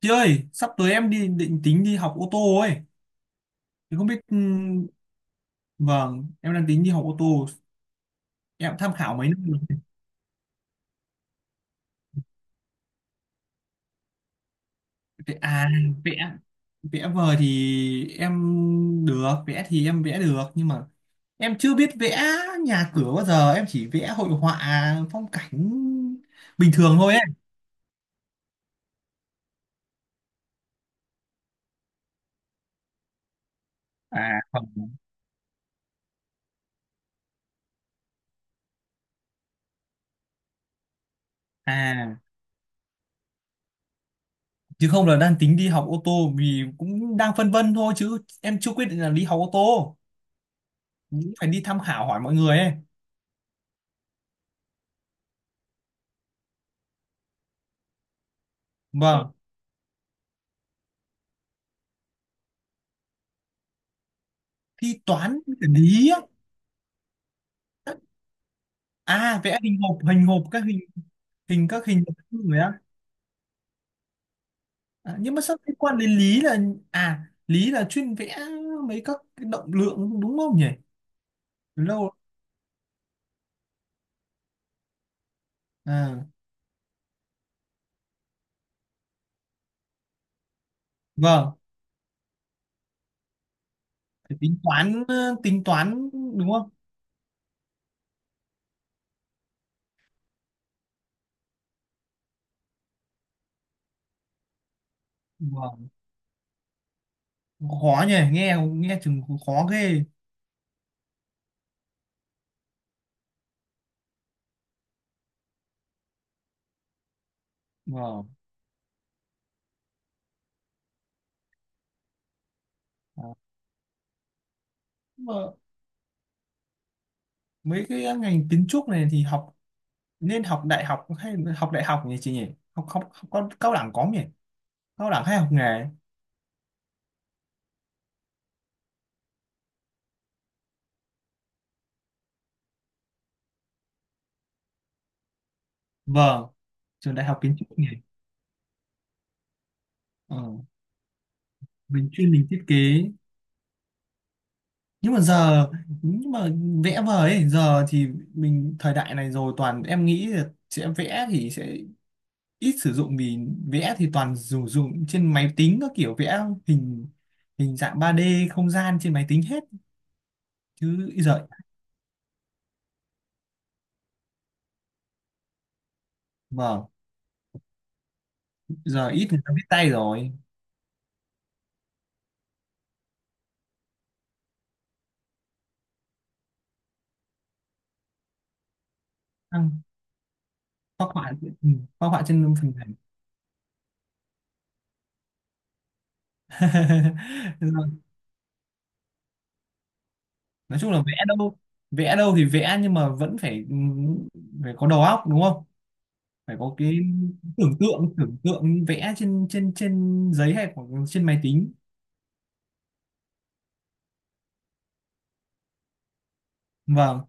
Chị ơi, sắp tới em đi định tính đi học ô tô ấy. Thì không biết vâng, em đang tính đi học ô tô. Em tham khảo mấy nơi rồi. À, vẽ vẽ vời thì em được, vẽ thì em vẽ được nhưng mà em chưa biết vẽ nhà cửa bao giờ, em chỉ vẽ hội họa phong cảnh bình thường thôi ấy. À không. À chứ không là đang tính đi học ô tô vì cũng đang phân vân thôi chứ em chưa quyết định là đi học ô tô. Cũng phải đi tham khảo hỏi mọi người ấy. Vâng. Thi toán vật lý á. À vẽ hình hộp các hình, hình các hình hộp người á. À, nhưng mà sao liên quan đến lý là, à lý là chuyên vẽ mấy các cái động lượng đúng không nhỉ? Từ lâu rồi. À vâng. Phải tính toán, tính toán đúng không? Vâng. Khó nhỉ, nghe nghe chừng khó ghê. Vâng, à. Nhưng mà mấy cái ngành kiến trúc này thì học, nên học đại học hay học đại học nhỉ chị nhỉ? Học học cao, cao đẳng có không nhỉ, cao đẳng hay học nghề? Vâng, trường đại học kiến trúc này, ờ, mình chuyên mình thiết kế. Nhưng mà giờ, nhưng mà vẽ vời ấy, giờ thì mình thời đại này rồi, toàn em nghĩ là sẽ vẽ thì sẽ ít sử dụng, vì vẽ thì toàn dùng dùng trên máy tính các kiểu, vẽ hình, hình dạng 3D không gian trên máy tính hết chứ giờ. Vâng, giờ ít người ta viết tay rồi. Vâng, phác họa, ừ, phác họa trên phần mềm. Nói chung là vẽ đâu, vẽ đâu thì vẽ nhưng mà vẫn phải, phải có đầu óc đúng không, phải có cái tưởng tượng, tưởng tượng vẽ trên trên trên giấy hay hoặc trên máy tính. Vâng,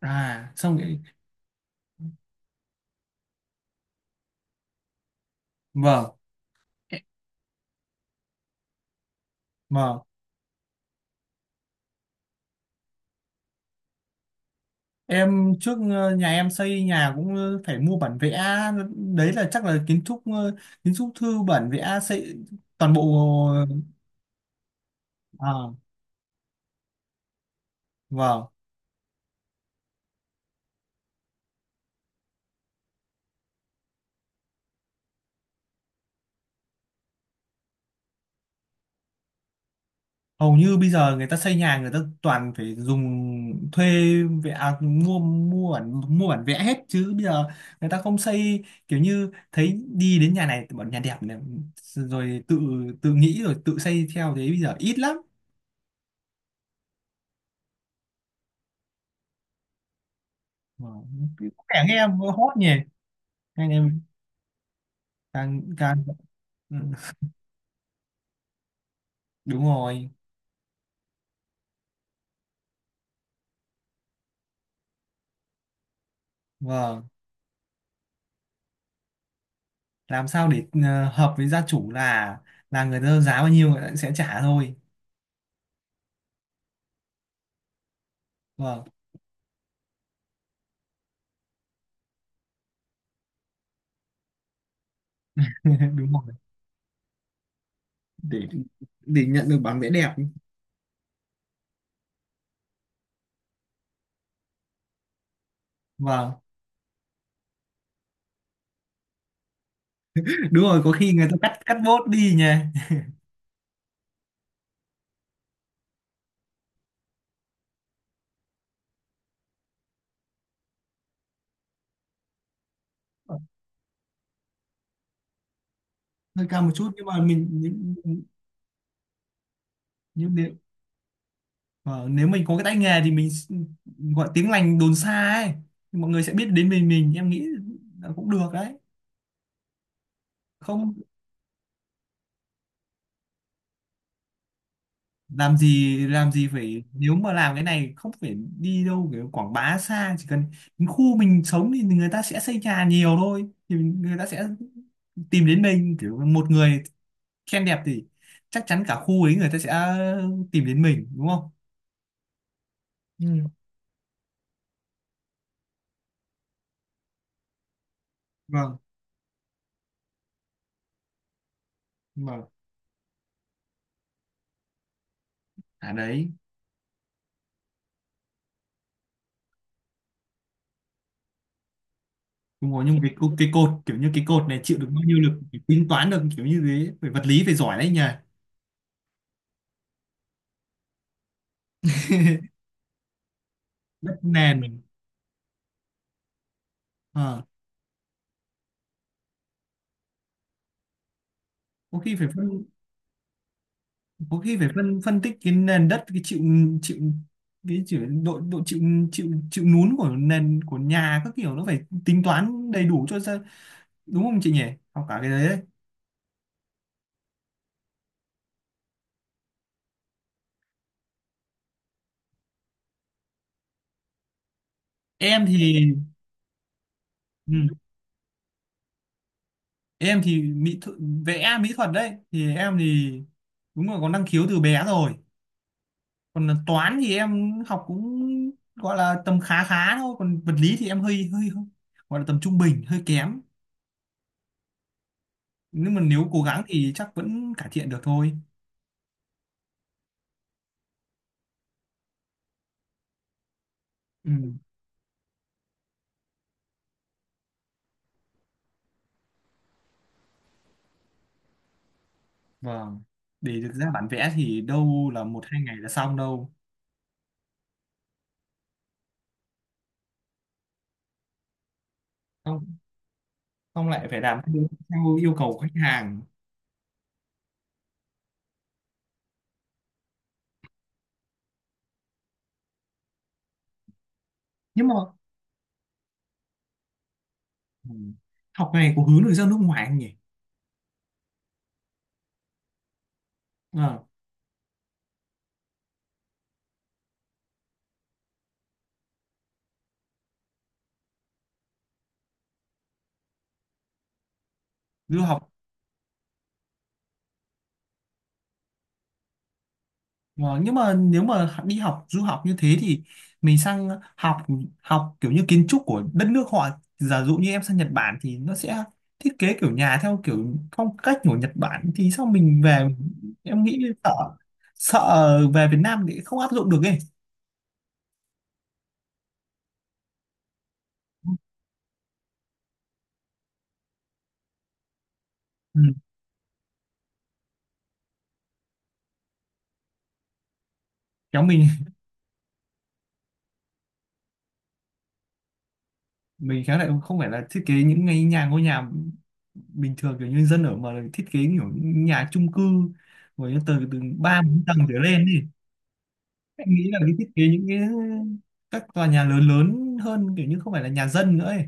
à xong rồi. Vâng. E- vâng, em trước, nhà em xây nhà cũng, phải mua bản vẽ, đấy là chắc là kiến trúc, kiến trúc thư bản vẽ xây toàn bộ. Ờ, à vâng. Hầu như bây giờ người ta xây nhà người ta toàn phải dùng, thuê vẽ, à, mua mua bản vẽ hết chứ bây giờ người ta không xây kiểu như thấy đi đến nhà này, bọn nhà đẹp này, rồi tự tự nghĩ rồi tự xây theo, thế bây giờ ít lắm. Mà có vẻ nghe em hot nhỉ anh em, càng càng, ừ, đúng rồi. Vâng, làm sao để, hợp với gia chủ là người ta giá bao nhiêu người ta sẽ trả thôi. Vâng. Đúng rồi, để để nhận được bản vẽ đẹp. Vâng, đúng rồi, có khi người ta cắt, cắt bốt đi nhỉ. Hơi cao một chút nhưng mà mình nhưng nếu, ờ, nếu mình có cái tay nghề thì gọi tiếng lành đồn xa ấy, thì mọi người sẽ biết đến mình em nghĩ là cũng được đấy. Không, làm gì, làm gì phải, nếu mà làm cái này không phải đi đâu kiểu quảng bá xa, chỉ cần đến khu mình sống thì người ta sẽ xây nhà nhiều thôi, thì người ta sẽ tìm đến mình, kiểu một người khen đẹp thì chắc chắn cả khu ấy người ta sẽ tìm đến mình đúng không. Ừ. Vâng, mà à đấy. Đúng rồi, nhưng cái cột kiểu như cái cột này chịu được bao nhiêu lực phải tính toán được kiểu như thế, phải vật lý phải giỏi đấy nhỉ. Đất nền. Ờ, có khi phải phân, có khi phải phân phân tích cái nền đất, cái chịu, chịu, cái chịu độ, độ chịu, chịu nún của nền của nhà các kiểu, nó phải tính toán đầy đủ cho ra đúng không chị nhỉ, học cả cái đấy, đấy. Em thì, ừ, em thì mỹ thuật, vẽ mỹ thuật đấy thì em thì đúng là có năng khiếu từ bé rồi. Còn là toán thì em học cũng gọi là tầm khá khá thôi, còn vật lý thì em hơi hơi, gọi là tầm trung bình hơi kém, nhưng mà nếu cố gắng thì chắc vẫn cải thiện được thôi. Ừ, vâng, để được ra bản vẽ thì đâu là một hai ngày là xong đâu. Không, không, lại phải làm theo, theo yêu cầu của khách hàng. Nhưng mà, ừ, học này có hướng được ra nước ngoài không nhỉ? À, du học. Ờ, nhưng mà nếu mà đi học du học như thế thì mình sang học, học kiểu như kiến trúc của đất nước họ, giả dụ như em sang Nhật Bản thì nó sẽ thiết kế kiểu nhà theo kiểu phong cách của Nhật Bản thì sao mình về, em nghĩ sợ, sợ về Việt Nam thì không áp dụng được ấy. Ừ. Kéo mình khéo lại không phải là thiết kế những cái nhà, ngôi nhà bình thường kiểu như dân ở, mà là thiết kế kiểu những nhà chung cư rồi từ từ ba bốn tầng trở lên ấy. Em nghĩ là cái thiết kế những cái các tòa nhà lớn, lớn hơn kiểu như không phải là nhà dân nữa ấy.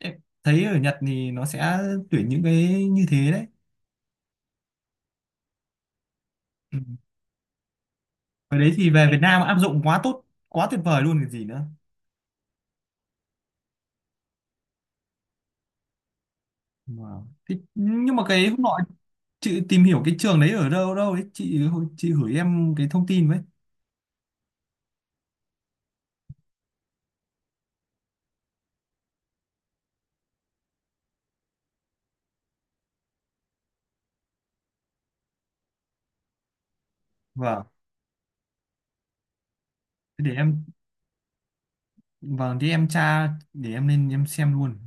Em thấy ở Nhật thì nó sẽ tuyển những cái như thế đấy. Ừ. Cái đấy thì về Việt Nam áp dụng quá tốt, quá tuyệt vời luôn cái gì nữa. Wow. Thế, nhưng mà cái hôm nọ chị tìm hiểu cái trường đấy ở đâu đâu đấy chị gửi em cái thông tin với. Vâng. Thế để em, vâng thì em tra để em lên em xem luôn.